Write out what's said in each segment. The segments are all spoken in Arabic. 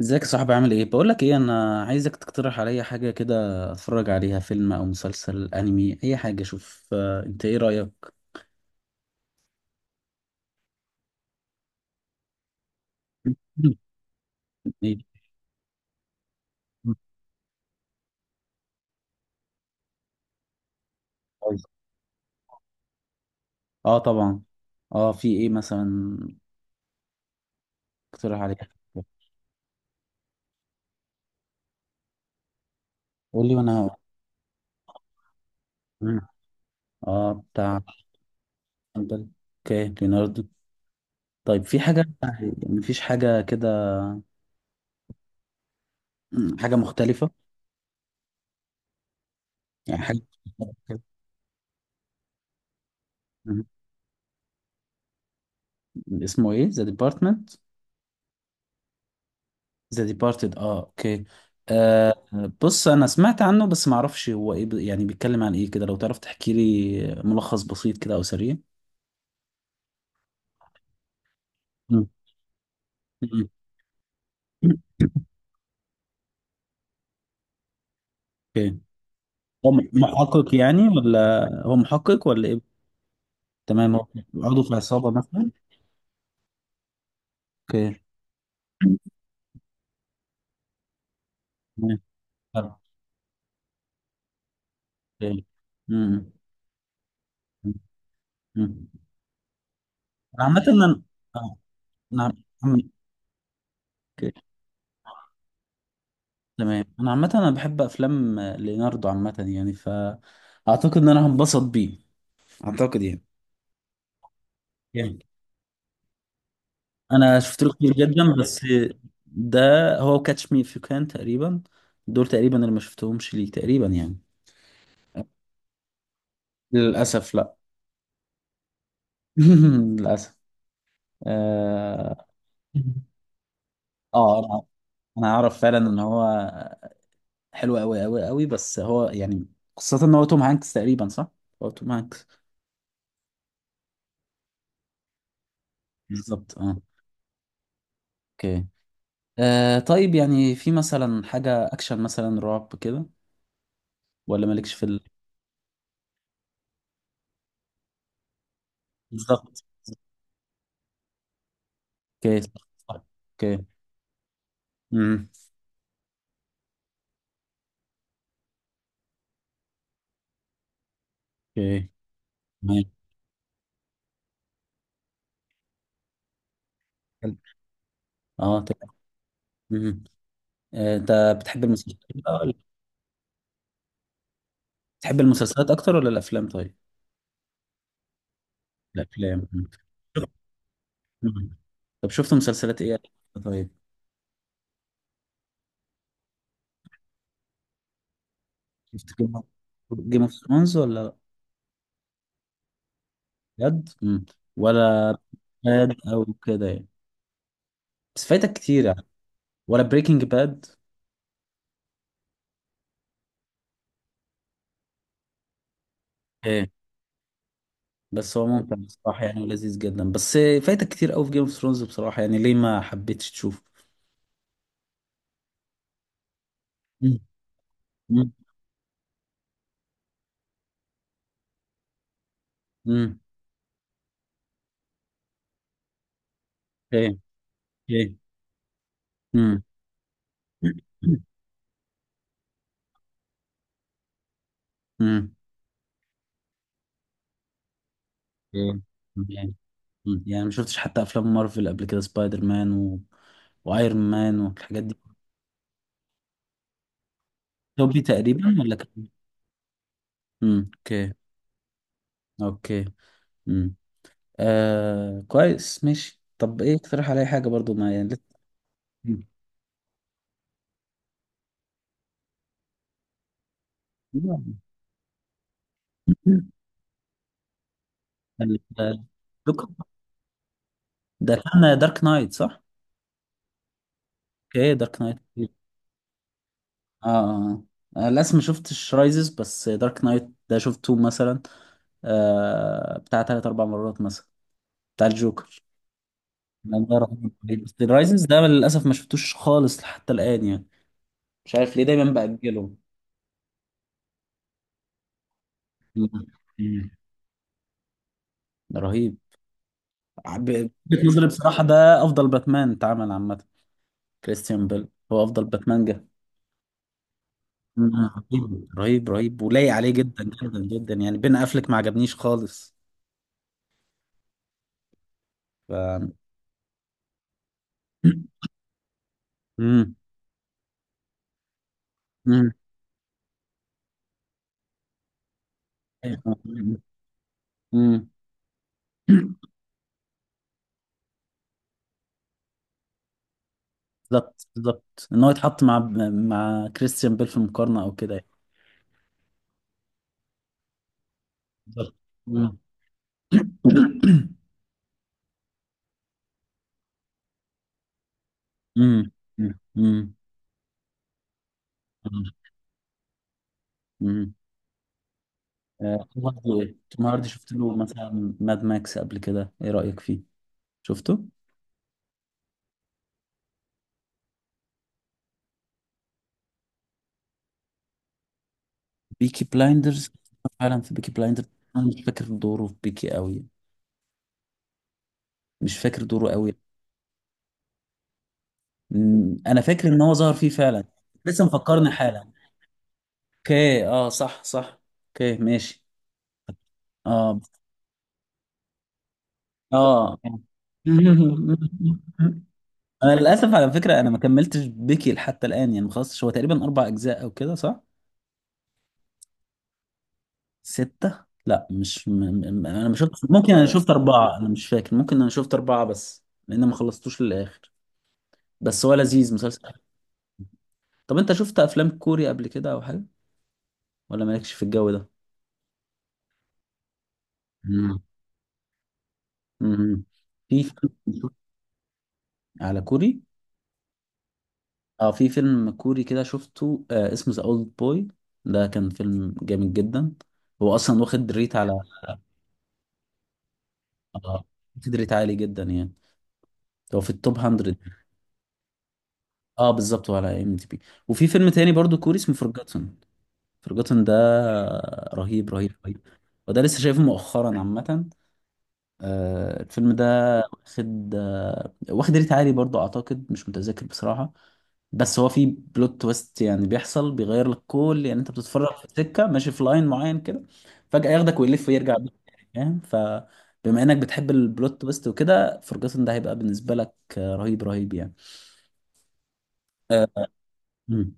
ازيك يا صاحبي، عامل ايه؟ بقول لك ايه، انا عايزك تقترح عليا حاجه كده، اتفرج عليها، فيلم او مسلسل انمي، اي حاجه. شوف، انت ايه رايك؟ ايه؟ عايز- اه طبعا. اه في ايه مثلا؟ اقترح عليا. قول لي وانا هقول. مم. اه بتاع. بل- اوكي ليوناردو. طيب في حاجه يعني؟ مفيش حاجه كده؟ حاجه مختلفه. يعني حاجه. مم. اسمه ايه، ذا ديبارتمنت؟ ذا ديبارتد، اه اوكي. مم. آه. بص انا سمعت عنه، بس ما اعرفش هو ايه، يعني بيتكلم عن ايه كده. لو تعرف تحكي لي ملخص بسيط كده او سريع. مم. مم. اوكي. هو محقق يعني، ولا هو محقق ولا ايه؟ تمام، هو عضو في عصابة مثلا؟ اوكي. تمام. حلو. اوكي. مم. مم. انا عامة انا، آه، نعم. مم. اوكي. تمام، انا عامة انا بحب افلام، آه، ليوناردو عامة يعني، فاعتقد ان انا هنبسط بيه. اعتقد يعني. جامد. انا شفت له كتير جدا، بس ده هو كاتش مي اف يو كان تقريبا، دول تقريبا اللي ما شفتهمش، ليه تقريبا يعني. للاسف لا. للاسف. اه. آه، انا انا اعرف فعلا ان هو حلو قوي قوي قوي، بس هو يعني، خاصة ان هو توم هانكس تقريبا، صح؟ هو توم هانكس. بالظبط اه. اوكي. آه طيب، يعني في مثلا حاجة اكشن، مثلا رعب كده؟ ولا مالكش في بالظبط. اوكي صح، صح. اوكي. امم. اوكي. تمام. اه تمام. مم. آه، انت بتحب المسلسلات بقى بتحب المسلسلات اكتر ولا الافلام؟ طيب الافلام. مم. مم. طب شفت مسلسلات ايه؟ طيب شفت جيم، جيم اوف ثرونز ولا لأ؟ بجد؟ مم. ولا باد او كده يعني؟ بس فايتك كتير يعني. ولا بريكنج باد. ايه. بس هو ممتع بصراحة يعني، لذيذ جدا، بس فايتك كتير قوي في جيم اوف ثرونز بصراحة يعني. ليه ما حبيتش تشوفه؟ مم. مم. مم. ايه. ايه. مم. مم. ايه. مم. يعني ما شفتش حتى افلام مارفل قبل كده، سبايدر مان وايرون مان والحاجات دي. توبي تقريبا ولا كان؟ اوكي. اوكي. امم. آه كويس ماشي. طب ايه، اقترح عليا حاجه برضو، ما يعني لسه. مم. ال- دوك- ده كان دارك نايت، صح؟ اوكي دارك نايت اه. اه. آه. آه، للاسف ما شفتش رايزز، بس دارك نايت ده شفته مثلا آه بتاع ثلاث اربع مرات مثلا، بتاع الجوكر، لا الله يرحمه. بس الرايزنز ده للاسف ما شفتوش خالص حتى الان يعني. مش عارف ليه دايما باجله. مم. ده رهيب. وجهة نظري بصراحه ده افضل باتمان اتعمل عامه. كريستيان بيل هو افضل باتمان جه. مم. رهيب رهيب رهيب، ولايق عليه جدا جدا جدا يعني. بين افلك ما عجبنيش خالص. ف، امم. امم. امم. بالظبط بالظبط، ان هو يتحط مع، مع كريستيان بيل في المقارنه او كده يعني. بالظبط. مم. مم. مم. امم. آه، توم هاردي إيه؟ توم هاردي شفت له مثلا ماد ماكس قبل كده، ايه رأيك فيه؟ شفته. بيكي بلايندرز. فعلا في بيكي بلايندرز. انا مش فاكر دوره في بيكي قوي، مش فاكر دوره قوي. أمم، انا فاكر ان هو ظهر فيه فعلا. لسه مفكرني حالا. اوكي، اه صح صح. اوكي ماشي. اه. اه. انا للاسف على فكره، انا ما كملتش بيكي حتى الان يعني، ما خلصتش. هو تقريبا اربع اجزاء او كده، صح؟ ستة؟ لا مش انا ما شفت، ممكن انا ولا شفت ست، اربعة، انا مش فاكر. ممكن انا شفت اربعة بس لان ما خلصتوش للاخر. بس هو لذيذ مسلسل. طب انت شفت افلام كوري قبل كده او حاجة؟ ولا مالكش في الجو ده؟ مم. امم. في فيلم على كوري. اه في فيلم كوري كده شفته، آه اسمه ذا اولد بوي. ده كان فيلم جامد جدا، هو اصلا واخد ريت على... اه واخد ريت عالي جدا يعني، هو في التوب 100. اه بالظبط، وعلى ام دي بي. وفي فيلم تاني برضو كوري، اسمه فورجاتن، فرجوتن ده رهيب رهيب رهيب، وده لسه شايفه مؤخرا عامة، آه، الفيلم ده واخد، آه، واخد ريت عالي برضو أعتقد، مش متذكر بصراحة. بس هو فيه بلوت تويست يعني، بيحصل بيغير لك كل يعني، أنت بتتفرج في سكة ماشي في لاين معين كده، فجأة ياخدك ويلف ويرجع بيك تاني، فاهم؟ فبما إنك بتحب البلوت تويست وكده، فرجوتن ده هيبقى بالنسبة لك، آه، رهيب رهيب يعني. مم.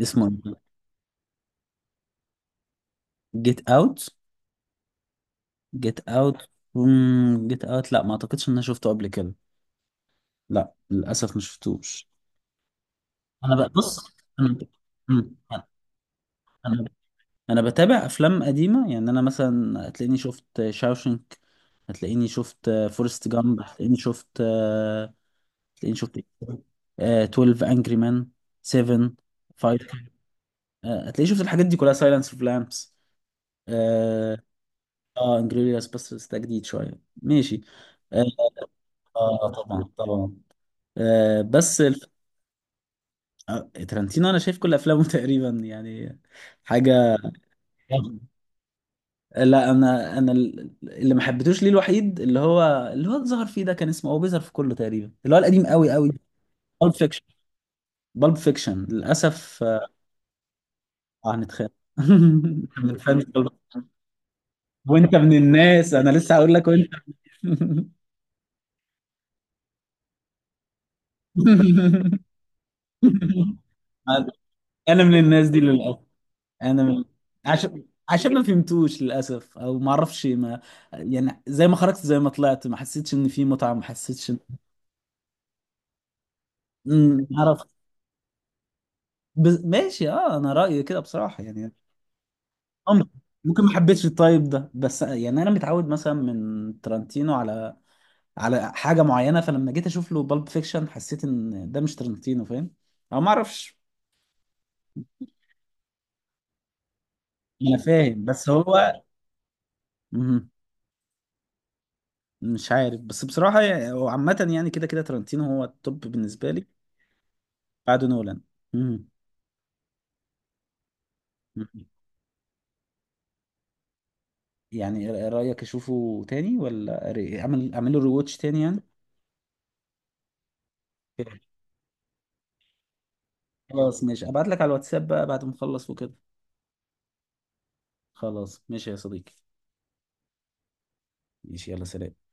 اسمه جيت اوت. جيت اوت. جيت اوت، لا ما اعتقدش ان انا شفته قبل كده. لا للاسف ما شفتوش. انا بقى بص، انا، مم. انا، انا بتابع افلام قديمه يعني، انا مثلا هتلاقيني شفت شاوشنك، هتلاقيني شفت فورست جامب، هتلاقيني شفت، هتلاقيني شفت إيه؟ آه، 12 انجري مان، 7، 5. هتلاقيني شفت الحاجات دي كلها، سايلنس اوف لامبس. اه. انجريدياس، بس ده جديد شويه ماشي. اه، آه، طبعا طبعا، آه، بس آه، ترنتينو انا شايف كل افلامه تقريبا يعني. حاجه. لا انا، اللي ما حبيتوش، ليه الوحيد اللي هو، اللي هو ظهر فيه ده، كان اسمه، هو بيظهر في كله تقريبا، اللي هو القديم قوي قوي، بالب فيكشن. بالب فيكشن للاسف آه. هنتخانق. أنت من فان Pulp- Fiction. وانت من الناس، انا لسه هقول لك وانت. انا من الناس دي للاسف. انا م- عشان، ما فهمتوش للاسف، او ما اعرفش ما يعني، زي ما خرجت، زي ما طلعت، ما حسيتش ان في متعه، ما حسيتش ان... أمم، عرفت. بس ماشي، اه انا رايي كده بصراحه يعني. ممكن، ممكن ما حبيتش الطيب ده، بس يعني انا متعود مثلا من ترنتينو على، على حاجه معينه، فلما جيت اشوف له بالب فيكشن حسيت ان ده مش ترنتينو، فاهم؟ او ما اعرفش. انا فاهم بس هو مهم. مش عارف بس بصراحه يعني، هو عامه يعني كده كده ترنتينو هو التوب بالنسبه لي بعد نولان. مم. مم. يعني رأيك اشوفه تاني، ولا اعمل، له ريواتش تاني يعني؟ خلاص ماشي، ابعت لك على الواتساب بقى بعد ما اخلص وكده. خلاص ماشي يا صديقي. ماشي يلا سلام.